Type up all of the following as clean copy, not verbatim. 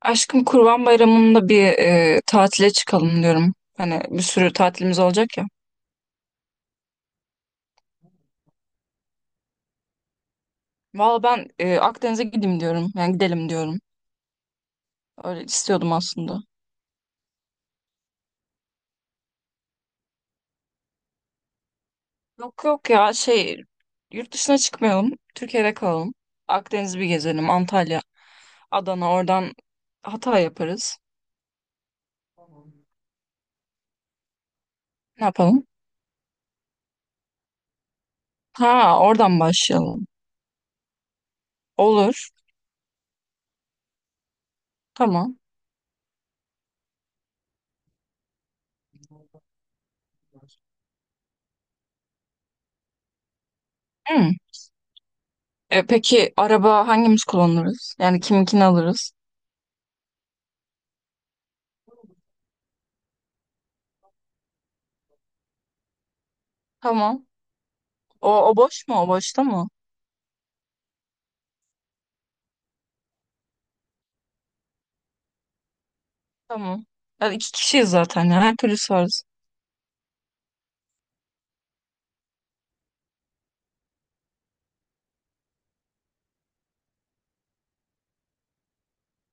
Aşkım Kurban Bayramı'nda bir tatile çıkalım diyorum. Hani bir sürü tatilimiz olacak ya. Valla ben Akdeniz'e gideyim diyorum. Yani gidelim diyorum. Öyle istiyordum aslında. Yok yok ya şey yurt dışına çıkmayalım. Türkiye'de kalalım. Akdeniz'i bir gezelim. Antalya, Adana, oradan Hatay yaparız. Ne yapalım? Ha, oradan başlayalım. Olur. Tamam. Hı. Peki araba hangimiz kullanırız? Yani kiminkini alırız? Tamam. O boş mu? O boşta mı? Tamam. Ya iki kişiyiz zaten ya. Her türlü varız.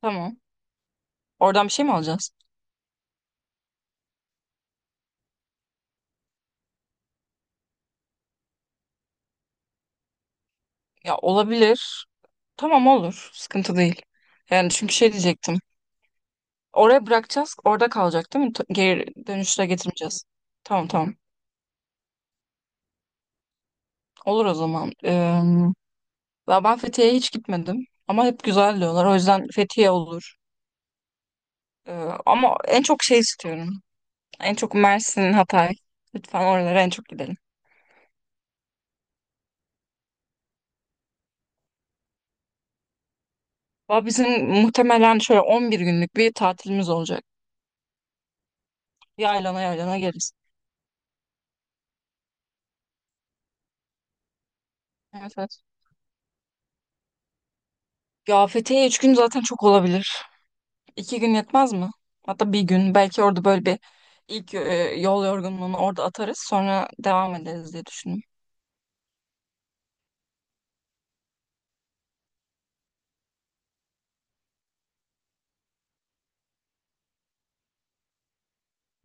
Tamam. Oradan bir şey mi alacağız? Ya olabilir. Tamam, olur. Sıkıntı değil. Yani çünkü şey diyecektim. Oraya bırakacağız. Orada kalacak, değil mi? Geri dönüşte getirmeyeceğiz. Tamam, tamam. Olur o zaman. Ya ben Fethiye'ye hiç gitmedim. Ama hep güzel diyorlar. O yüzden Fethiye olur. Ee, ama en çok şey istiyorum. En çok Mersin, Hatay. Lütfen oralara en çok gidelim. Ama bizim muhtemelen şöyle 11 günlük bir tatilimiz olacak, yaylana yaylana geliriz. Evet, evet. Ya Fethiye 3 gün zaten çok olabilir. 2 gün yetmez mi? Hatta bir gün. Belki orada böyle bir ilk yol yorgunluğunu orada atarız. Sonra devam ederiz diye düşündüm.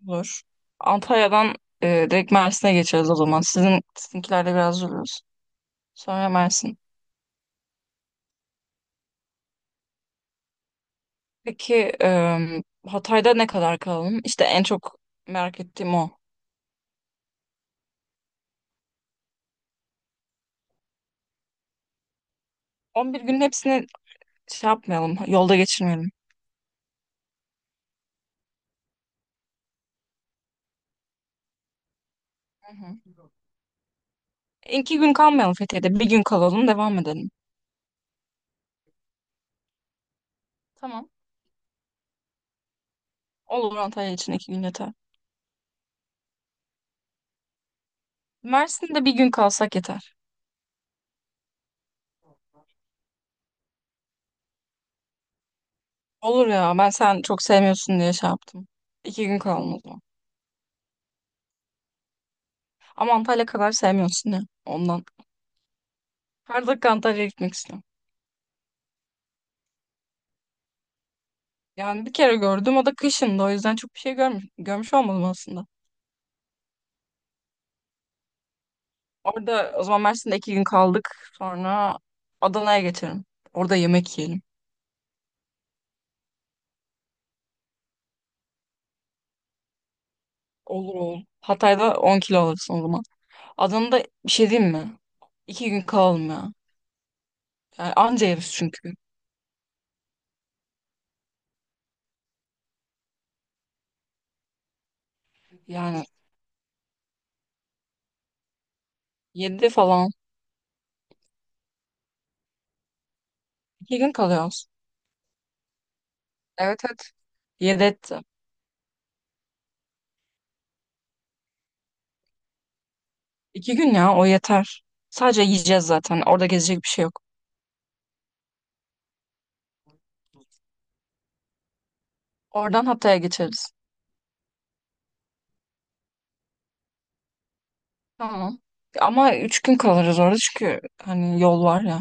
Olur. Antalya'dan direkt Mersin'e geçeriz o zaman. Sizinkilerde biraz dururuz. Sonra Mersin. Peki Hatay'da ne kadar kalalım? İşte en çok merak ettiğim o. 11 günün hepsini şey yapmayalım. Yolda geçirmeyelim. Hı hı. 2 gün kalmayalım Fethiye'de. Bir gün kalalım, devam edelim. Tamam. Olur, Antalya için 2 gün yeter. Mersin'de bir gün kalsak yeter. Olur, ya ben sen çok sevmiyorsun diye şey yaptım. 2 gün kalalım o zaman. Ama Antalya kadar sevmiyorsun ya ondan. Her dakika Antalya'ya gitmek istiyorum. Yani bir kere gördüm, o da kışında, o yüzden çok bir şey görmüş olmadım aslında. Orada o zaman Mersin'de 2 gün kaldık, sonra Adana'ya geçelim. Orada yemek yiyelim. Olur, olur. Hatay'da 10 kilo alırsın o zaman. Adana'da bir şey diyeyim mi? 2 gün kalalım ya. Yani anca yeriz çünkü. Yani 7 falan. 2 gün kalıyoruz. Evet, evet. 7 etti. 2 gün ya, o yeter. Sadece yiyeceğiz zaten. Orada gezecek bir şey yok. Oradan Hatay'a geçeriz. Tamam. Ama 3 gün kalırız orada, çünkü hani yol var ya.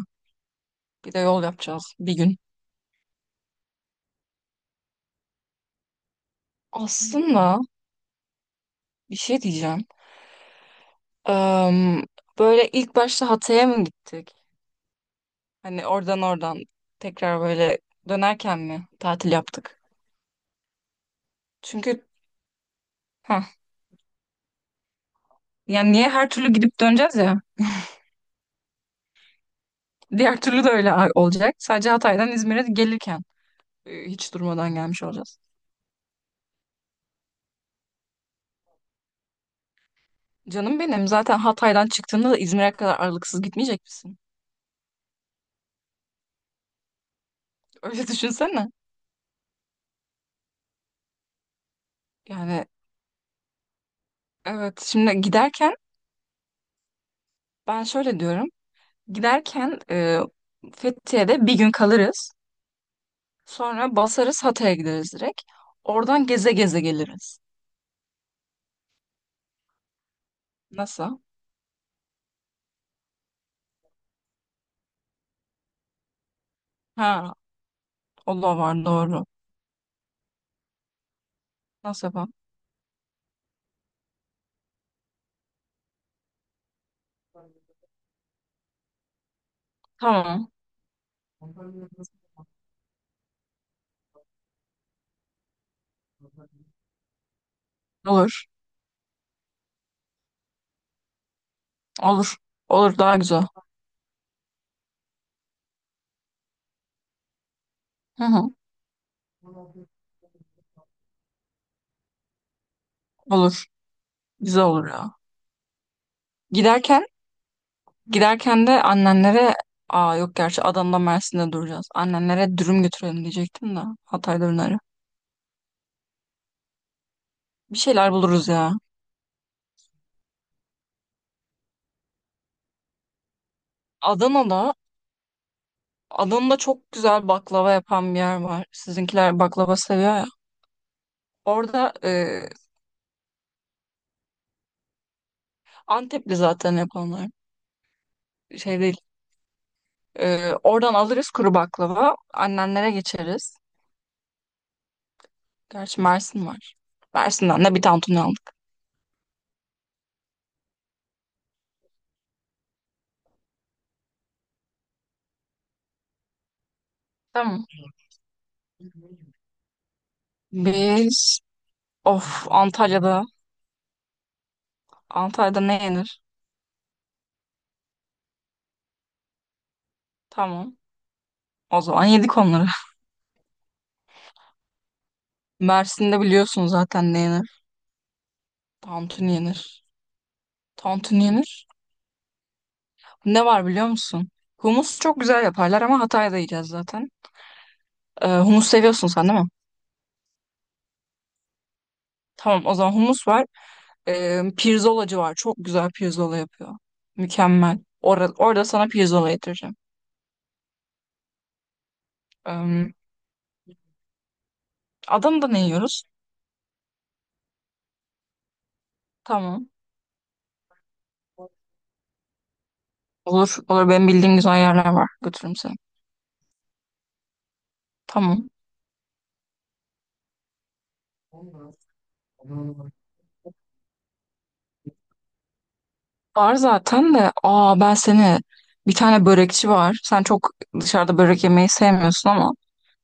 Bir de yol yapacağız bir gün. Aslında bir şey diyeceğim. Eee, böyle ilk başta Hatay'a mı gittik? Hani oradan tekrar böyle dönerken mi tatil yaptık? Çünkü ha, yani niye her türlü gidip döneceğiz ya? Diğer türlü de öyle olacak. Sadece Hatay'dan İzmir'e gelirken hiç durmadan gelmiş olacağız. Canım benim, zaten Hatay'dan çıktığında da İzmir'e kadar aralıksız gitmeyecek misin? Öyle düşünsene. Yani evet, şimdi giderken ben şöyle diyorum. Giderken Fethiye'de bir gün kalırız. Sonra basarız, Hatay'a gideriz direkt. Oradan geze geze geliriz. Nasıl? Ha, o da var, doğru. Nasıl yapalım? Tamam. Olur. Olur. Olur, daha güzel. Hı hı. Olur. Güzel olur ya. Giderken Giderken de annenlere, aa yok, gerçi Adana'da Mersin'de duracağız. Annenlere dürüm götürelim diyecektim de, Hatay dürümleri. Bir şeyler buluruz ya. Adana'da Adana'da çok güzel baklava yapan bir yer var. Sizinkiler baklava seviyor ya. Orada Antepli zaten yapanlar. Şey değil. Oradan alırız kuru baklava. Annenlere geçeriz. Gerçi Mersin var. Mersin'den de bir tantuni aldık. Tamam. Biz, of, Antalya'da ne yenir? Tamam. O zaman yedik onları. Mersin'de biliyorsun zaten ne yenir. Tantuni yenir. Tantuni yenir. Ne var biliyor musun? Humus çok güzel yaparlar, ama Hatay'da yiyeceğiz zaten. Humus seviyorsun sen, değil mi? Tamam o zaman, humus var. Pirzolacı var. Çok güzel pirzola yapıyor. Mükemmel. Orada sana pirzola getireceğim. Ee, Adana'da ne yiyoruz? Tamam. Olur, olur. Benim bildiğim güzel yerler var. Götürürüm seni. Tamam. Var zaten de, aa, ben seni, bir tane börekçi var. Sen çok dışarıda börek yemeyi sevmiyorsun ama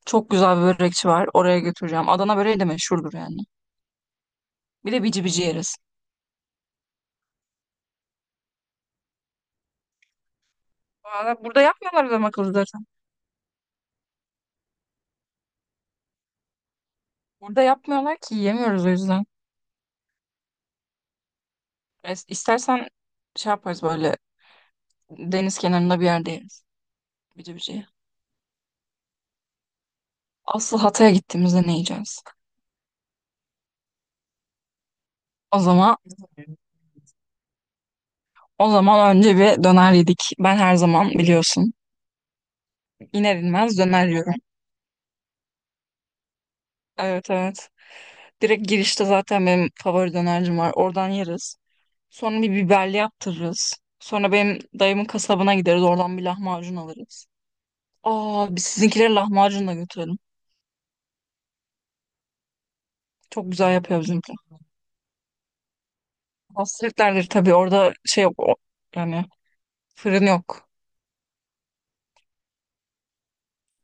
çok güzel bir börekçi var. Oraya götüreceğim. Adana böreği de meşhurdur yani. Bir de bici bici yeriz. Valla burada yapmıyorlar adam akıllı zaten. Burada yapmıyorlar ki, yiyemiyoruz o yüzden. İstersen şey yaparız, böyle deniz kenarında bir yerde yeriz. Bici bici. Asıl Hatay'a gittiğimizde ne yiyeceğiz? O zaman o zaman önce bir döner yedik. Ben her zaman, biliyorsun. İner inmez döner yiyorum. Evet, evet. Direkt girişte zaten benim favori dönercim var. Oradan yeriz. Sonra bir biberli yaptırırız. Sonra benim dayımın kasabına gideriz. Oradan bir lahmacun alırız. Aa, biz sizinkileri lahmacun da götürelim. Çok güzel yapıyor bizimkiler. Hasretlerdir tabii. Orada şey yok. Yani fırın yok.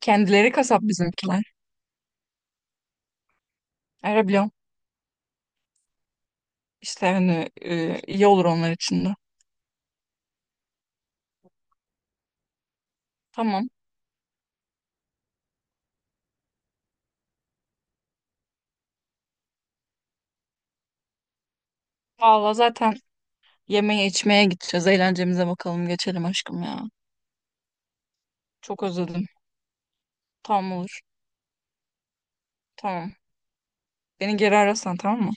Kendileri kasap bizimkiler. Öyle biliyorum. İşte hani iyi olur onlar için de. Tamam. Valla zaten yemeğe içmeye gideceğiz. Eğlencemize bakalım. Geçelim aşkım ya. Çok özledim. Tamam, olur. Tamam. Beni geri ararsan, tamam mı?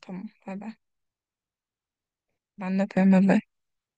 Tamam. Bay bay. Ben de öpüyorum. Bay bay.